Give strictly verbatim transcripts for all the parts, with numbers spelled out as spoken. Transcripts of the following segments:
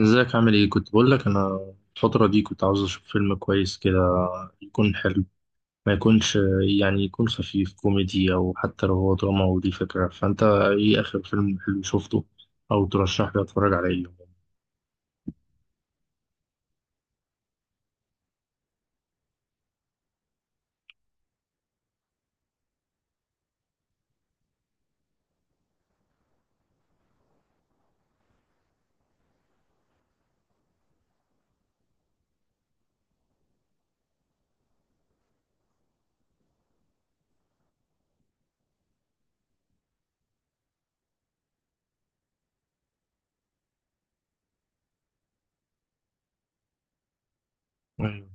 ازيك؟ عامل ايه؟ كنت بقول لك انا الفترة دي كنت عاوز اشوف فيلم كويس كده، يكون حلو، ما يكونش، يعني يكون خفيف كوميدي او حتى لو هو دراما، ودي فكرة. فانت ايه اخر فيلم حلو شفته، او ترشح لي اتفرج على ايه؟ ايوه،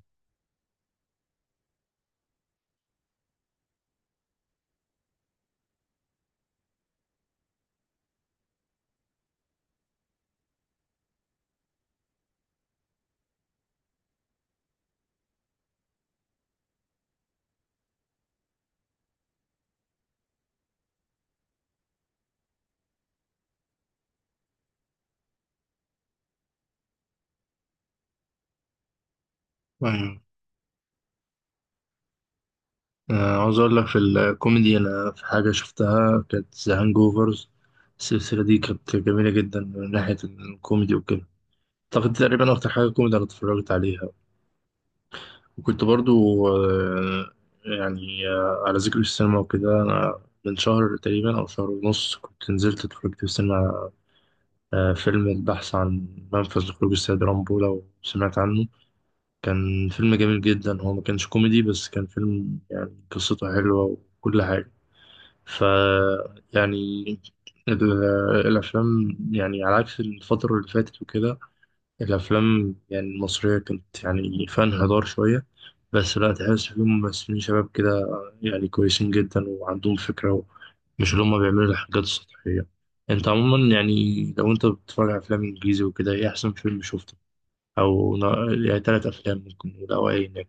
ايوه. آه، عاوز اقول لك، في الكوميدي انا في حاجة شفتها كانت ذا هانج اوفرز. السلسلة دي كانت جميلة جدا من ناحية الكوميدي وكده. اعتقد تقريبا اكتر حاجة كوميدي انا اتفرجت عليها. وكنت برضو، آه، يعني، آه، على ذكر السينما وكده، أنا من شهر تقريبا أو شهر ونص كنت نزلت اتفرجت في السينما على آه، فيلم البحث عن منفذ لخروج السيد رامبو، لو سمعت عنه. كان فيلم جميل جدا، هو ما كانش كوميدي بس كان فيلم يعني قصته حلوة وكل حاجة. ف، يعني، ال- الأفلام يعني على عكس الفترة اللي فاتت وكده، الأفلام يعني المصرية كنت يعني فيها انحدار شوية، بس لا، تحس فيهم ممثلين شباب كده يعني كويسين جدا وعندهم فكرة، مش اللي هما بيعملوا الحاجات السطحية. أنت عموما يعني، لو أنت بتتفرج على أفلام إنجليزي وكده، إيه أحسن فيلم شفته؟ أو نا- يعني تلات أفلام ممكن نقول، أو أي نجم.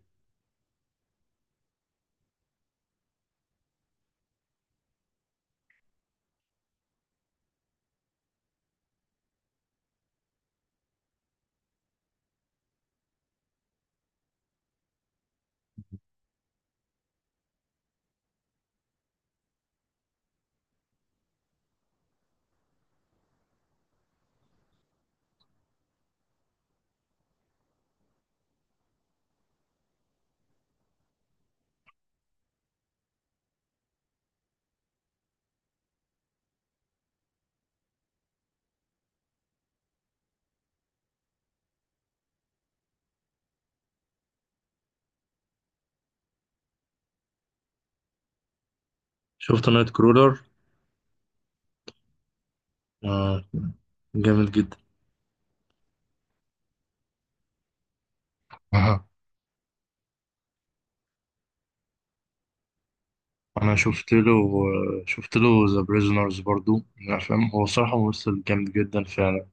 شفت نايت كرولر؟ آه، جامد جدا. أها. أنا شفت له، شفت له ذا بريزونرز، برضو من الأفلام. هو صراحة ممثل جامد جدا فعلا.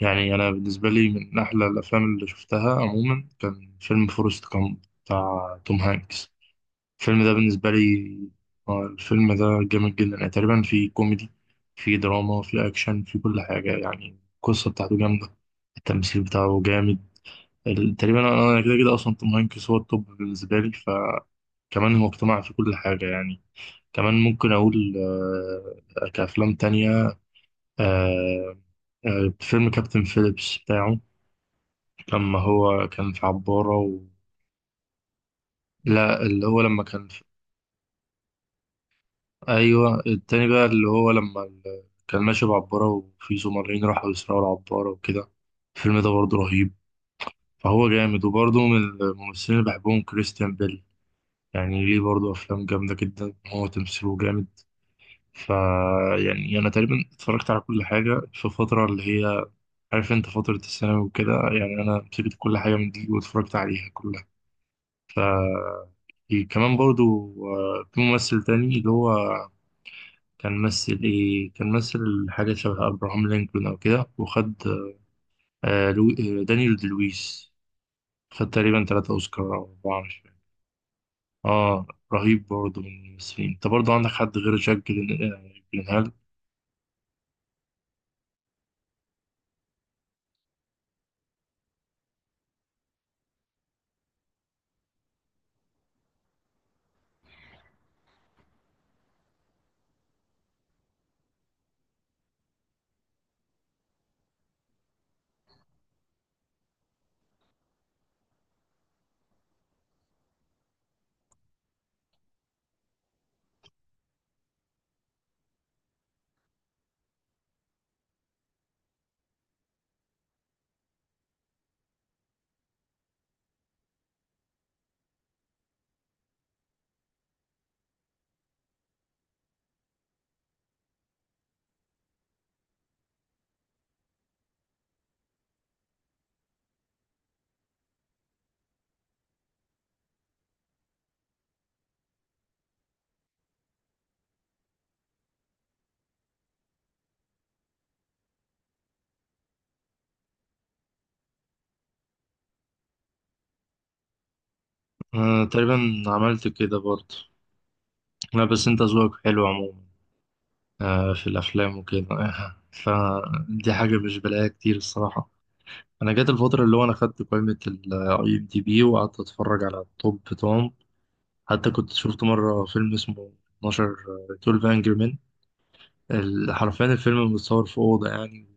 يعني أنا بالنسبة لي من أحلى الأفلام اللي شفتها عموما كان فيلم فورست كامب بتاع توم هانكس. الفيلم ده بالنسبة لي، آه، الفيلم ده جامد جدا يعني، تقريبا في كوميدي، في دراما، في أكشن، في كل حاجة، يعني القصة بتاعته جامدة، التمثيل بتاعه جامد. ال- تقريبا، أنا أنا كده كده، أصلا توم هانكس هو التوب بالنسبة لي، فكمان هو اقتنع في كل حاجة يعني. كمان ممكن أقول، آه، كأفلام تانية، آه، آه، فيلم كابتن فيليبس بتاعه، لما هو كان في عبارة و لا، اللي هو لما كان في أيوة، التاني بقى، اللي هو لما ال كان ماشي بعبارة وفي زمرين راحوا يسرقوا العبارة وكده. الفيلم ده برضه رهيب، فهو جامد. وبرضه من الممثلين اللي بحبهم كريستيان بيل، يعني ليه برضه أفلام جامدة جدا، هو تمثيله جامد. فا يعني، أنا تقريبا اتفرجت على كل حاجة في فترة اللي هي، عارف أنت، فترة الثانوي وكده، يعني أنا مسكت كل حاجة من دي واتفرجت عليها كلها. ف في كمان برضو آه، في ممثل تاني، اللي هو كان مثل، ايه كان مثل حاجة شبه أبراهام لينكولن أو كده، وخد آه، لو... آه، دانيال دي لويس. خد تقريبا تلاتة أوسكار أو أربعة، مش فاكر. اه، رهيب برضو من الممثلين. انت برضو عندك حد غير جاك جلين... آه، جيلنهال؟ آه، تقريبا عملت كده برضو. لا بس انت ذوقك حلو عموما آه، في الأفلام وكده فدي حاجة مش بلاقيها كتير الصراحة. انا جات الفتره اللي هو انا خدت قائمه الاي ام دي بي وقعدت اتفرج على التوب بتوعهم. حتى كنت شفت مره فيلم اسمه اتناشر. اتناشر انجري مان. حرفيا الفيلم متصور في اوضه، يعني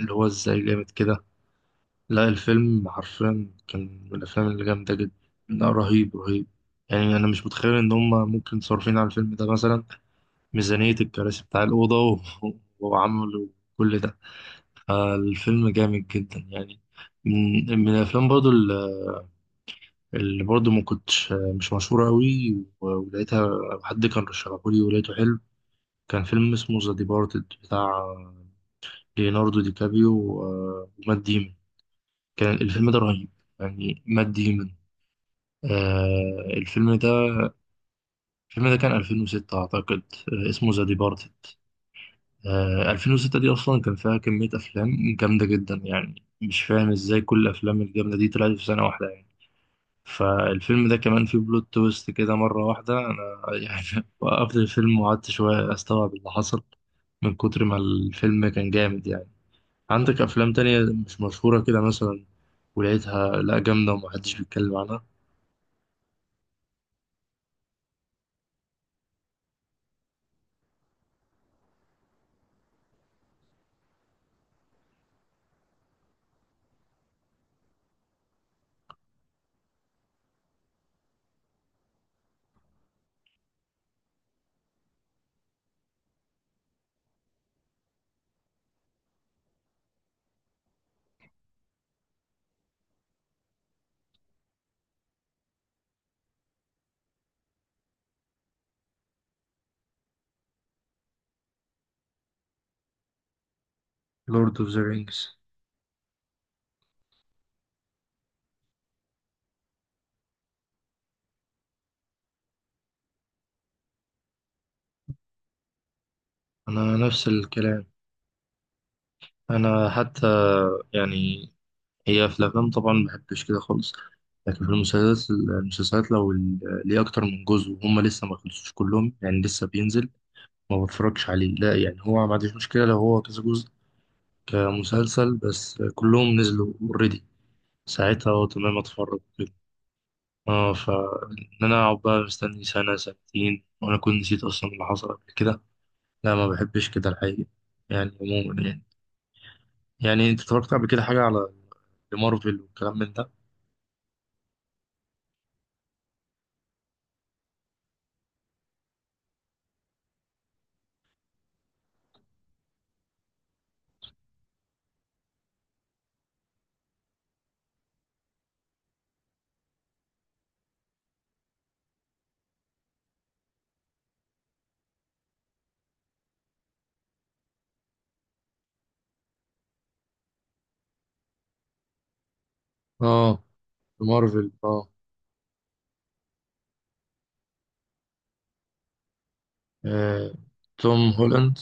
اللي هو ازاي جامد كده؟ لا، الفيلم حرفيا كان من الافلام اللي جامده جدا. لا، رهيب، رهيب. يعني انا مش متخيل ان هم ممكن صارفين على الفيلم ده مثلا ميزانيه الكراسي بتاع الاوضه و وعملوا كل ده. آه، الفيلم جامد جدا يعني. من من الافلام برضو اللي برضه ما كنتش مش مشهورة أوي و- ولقيتها، حد كان رشحهولي ولقيته حلو، كان فيلم اسمه ذا ديبارتد، بتاع ليوناردو دي كابريو و- ومات ديمون. كان الفيلم ده رهيب، يعني مات ديمون. آه، الفيلم ده، الفيلم ده كان الفين وستة أعتقد. آه، اسمه ذا ديبارتد. آه، الفين وستة دي أصلا كان فيها كمية أفلام جامدة جدا، يعني مش فاهم إزاي كل الأفلام الجامدة دي طلعت في سنة واحدة. فالفيلم ده كمان فيه بلوت تويست كده مرة واحدة، أنا يعني وقفت الفيلم وقعدت شوية أستوعب اللي حصل، من كتر ما الفيلم كان جامد يعني. عندك أفلام تانية مش مشهورة كده مثلا، ولقيتها لأ جامدة ومحدش بيتكلم عنها؟ لورد أوف ذا رينجز. أنا نفس الكلام. أنا حتى، يعني، هي في الأفلام طبعا مبحبش كده خالص، لكن في المسلسلات، المسلسلات لو ال- ليه أكتر من جزء وهم لسه ما خلصوش كلهم، يعني لسه بينزل، ما بتفرجش عليه. لا يعني، هو ما عنديش مشكلة لو هو كذا جزء كمسلسل بس كلهم نزلوا اوريدي، ساعتها اه، تمام، اتفرج كده. اه، ف ان انا اقعد بقى مستني سنة سنتين وانا كنت نسيت اصلا اللي حصل قبل كده، لا ما بحبش كده الحقيقة، يعني عموما، يعني. يعني انت اتفرجت قبل كده حاجة على مارفل والكلام من ده؟ اه، مارفل، اه. آه، توم هولاند.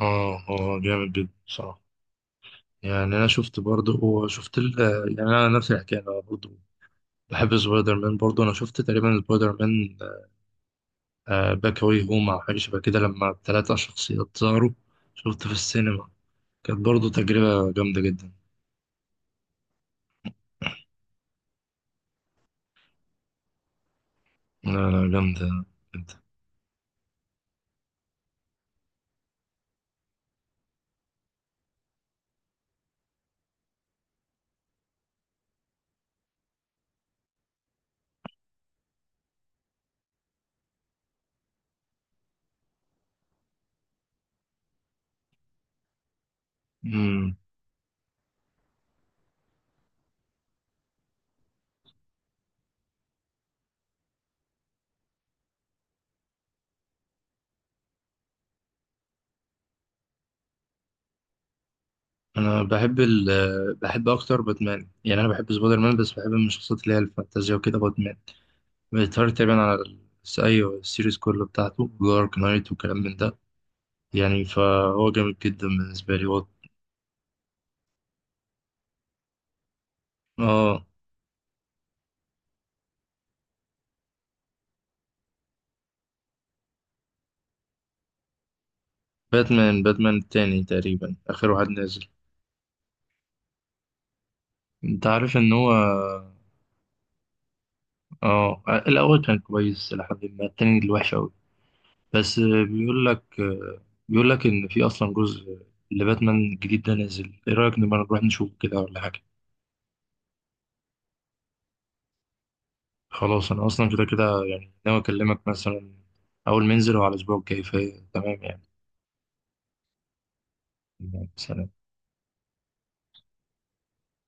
اه، هو جامد جدا بصراحة يعني. أنا شفت برضه وشفت ال آه، يعني، أنا نفس الحكاية. أنا برضه بحب سبايدر مان برضه. انا شفت تقريبا سبايدر مان باك واي هوم او حاجه شبه كده، لما الثلاثه شخصيات ظهروا، شفته في السينما، كانت برضه تجربه جامده جدا. لا لا، جامده جدا. امم انا بحب ال بحب اكتر باتمان يعني. انا بحب سبايدر مان بس بحب من الشخصيات اللي هي الفانتازيا وكده باتمان. بيتهيألي تقريبا على ال- ايوه، السيريز كله بتاعته دارك نايت وكلام من ده، يعني فهو جامد جدا بالنسبه لي هو اه. باتمان، باتمان التاني تقريبا اخر واحد نزل. انت عارف ان هو، اه، الاول كان كويس لحد ما التاني اللي وحش قوي. بس بيقول لك، بيقول لك ان في اصلا جزء لباتمان جديد ده نازل، ايه رايك نبقى نروح نشوف كده ولا حاجه؟ خلاص، انا اصلا كده كده يعني، ناوي اكلمك مثلا اول ما ينزل هو على الاسبوع الجاي، فهي تمام يعني. سلام.